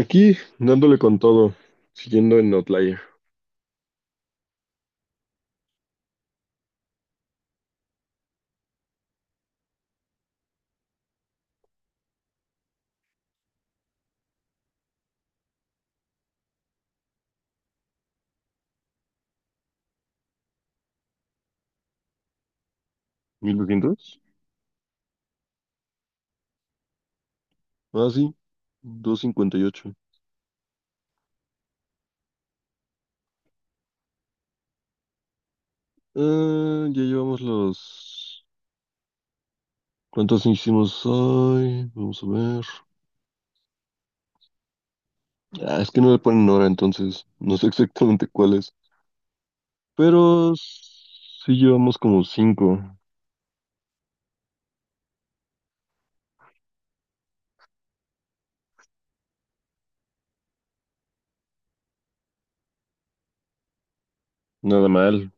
Aquí, dándole con todo, siguiendo en Outlier. ¿1200? Ah, sí, 258. Ah, ya llevamos los... ¿Cuántos hicimos hoy? Vamos a ver. Ah, es que no le ponen hora, entonces no sé exactamente cuáles. Pero sí llevamos como cinco. Nada mal.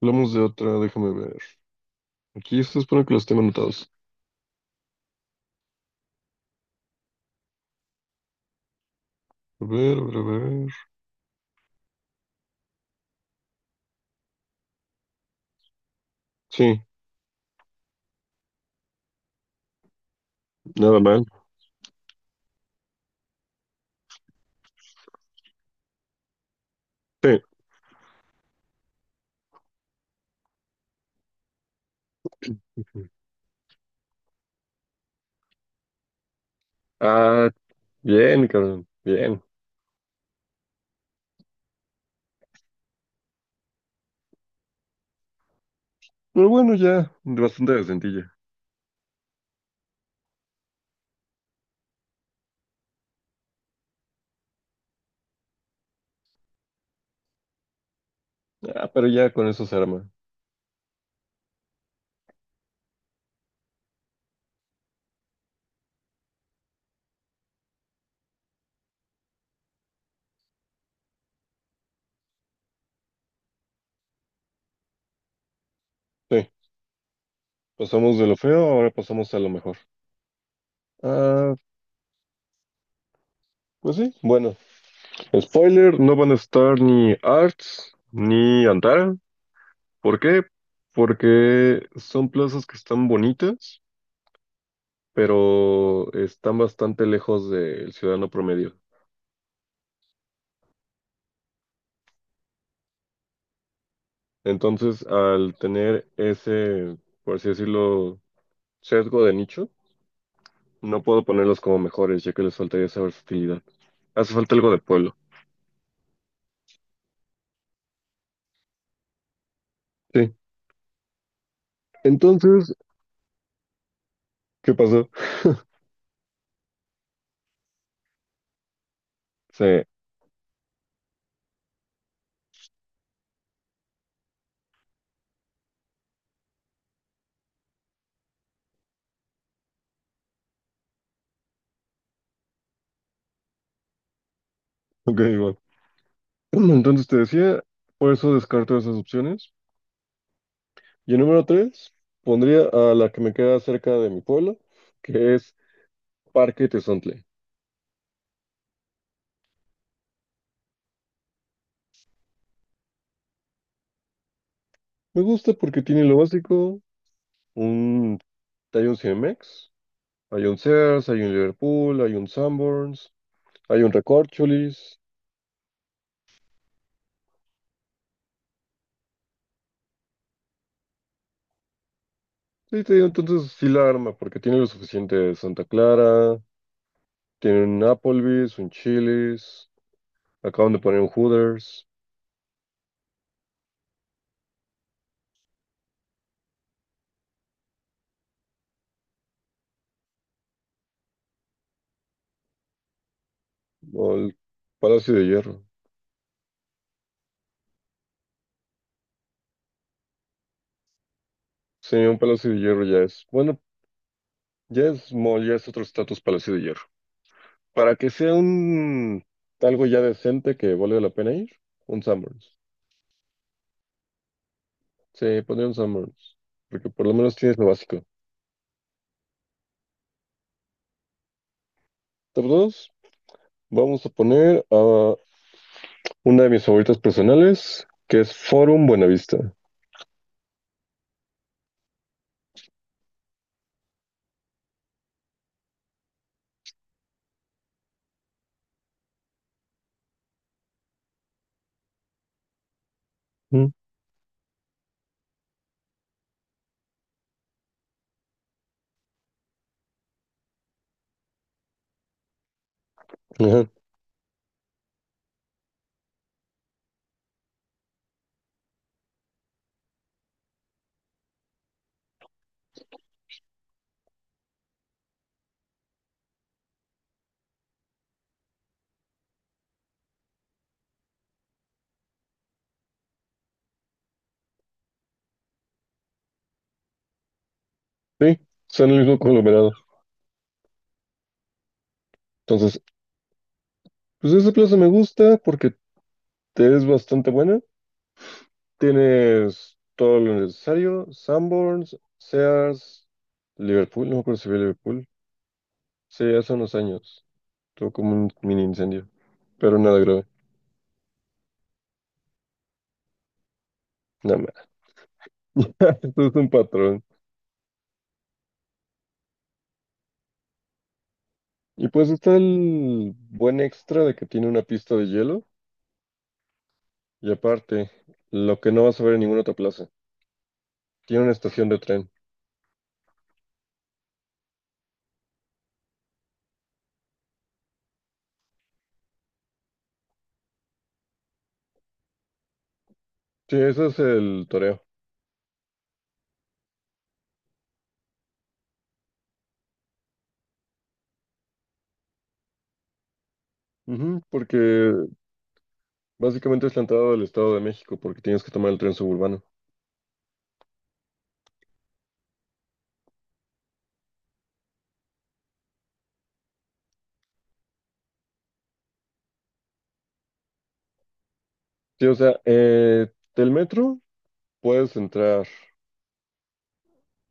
Hablamos de otra, déjame ver. Aquí esto espero que los tengo anotados. A ver, a ver, a ver. Sí, nada mal. Sí. Ah, bien, cabrón. Bien. Pero bueno, ya, bastante decentilla. Ah, pero ya con eso se arma. Sí, pasamos de lo feo, ahora pasamos a lo mejor. Ah, pues sí, bueno. Spoiler, no van a estar ni Arts ni Antara. ¿Por qué? Porque son plazas que están bonitas, pero están bastante lejos del ciudadano promedio. Entonces, al tener ese, por así decirlo, sesgo de nicho, no puedo ponerlos como mejores, ya que les faltaría esa versatilidad. Hace falta algo de pueblo. Sí. Entonces, ¿qué pasó? Sí. Ok, igual. Entonces te decía, por eso descarto esas opciones. Y el número tres, pondría a la que me queda cerca de mi pueblo, que es Parque Tezontle. Me gusta porque tiene lo básico, un... hay un CMX, hay un Sears, hay un Liverpool, hay un Sanborns, hay un Recorcholis. Sí, te digo, entonces sí la arma, porque tiene lo suficiente de Santa Clara. Tienen un Applebee's, un Chili's, acaban de poner un Hooters, o el Palacio de Hierro. Sí, un Palacio de Hierro ya es, bueno, ya es mall, ya es otro estatus Palacio de Hierro. Para que sea un algo ya decente que valga la pena ir, un Sanborns. Sí, pondría un Sanborns, porque por lo menos tienes lo básico. Top 2, vamos a poner a una de mis favoritas personales, que es Forum Buenavista. Mm. Ajá. Sí, son el mismo conglomerado. Entonces, pues esa plaza me gusta porque Te es bastante buena. Tienes todo lo necesario. Sanborns, Sears, Liverpool. No me acuerdo si fue Liverpool. Sí, hace unos años. Tuvo como un mini incendio. Pero nada grave. Nada más. Esto es un patrón. Y pues está el buen extra de que tiene una pista de hielo. Y aparte, lo que no vas a ver en ninguna otra plaza. Tiene una estación de tren. Sí, ese es el toreo. Ujú, porque básicamente es la entrada del Estado de México, porque tienes que tomar el tren suburbano. Sí, o sea, del metro puedes entrar,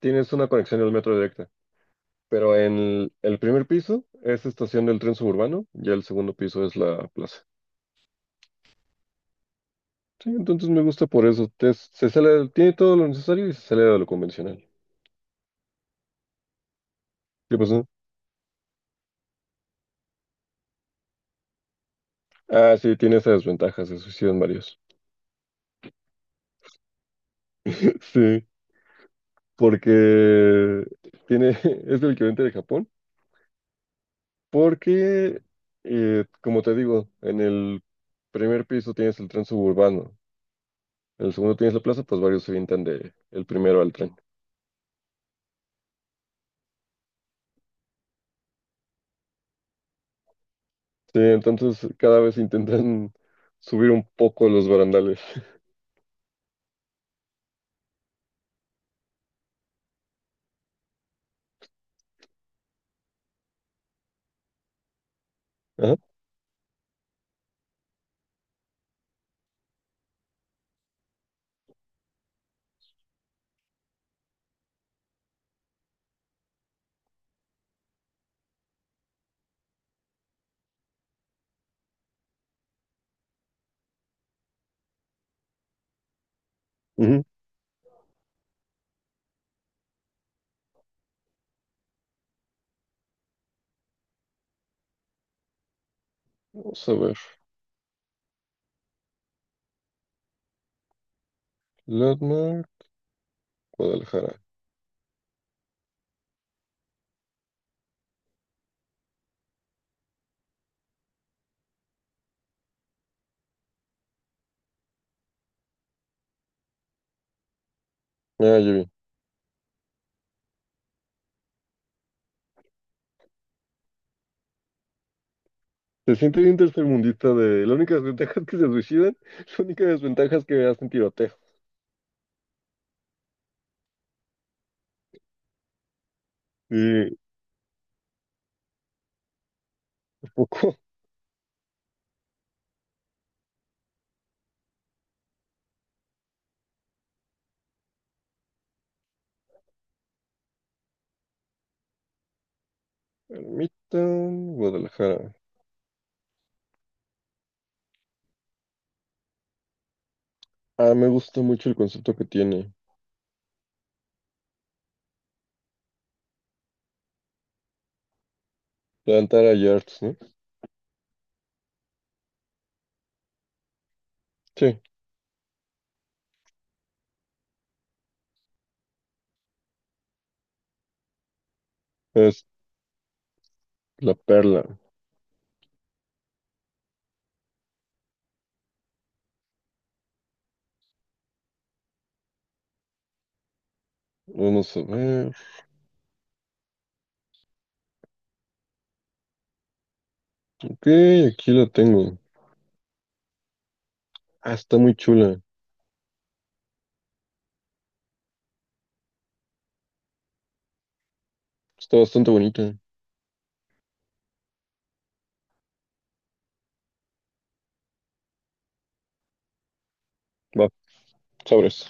tienes una conexión del metro directa, pero en el primer piso es estación del tren suburbano y el segundo piso es la plaza. Sí, entonces me gusta por eso. Se sale, tiene todo lo necesario y se sale de lo convencional. ¿Qué pasó? Ah, sí, tiene esas desventajas, se suicidan varios. Sí, porque tiene, es el equivalente de Japón, porque, como te digo, en el primer piso tienes el tren suburbano. El segundo tienes la plaza, pues varios se avientan de el primero al tren. Sí, entonces cada vez intentan subir un poco los barandales. Ajá, ujú. Vamos a ver. Latmar, Guadalajara. Ah, ya vi. Se siente bien tercermundista de... La única desventaja es que se suicidan. La única desventaja es que hacen tiroteo. Y un poco. Ermitan, Guadalajara. Ah, me gusta mucho el concepto que tiene. Plantara Yards, ¿no? Sí, es la perla. Vamos a ver. Ok, aquí la tengo. Ah, está muy chula. Está bastante bonita. Va, sobres.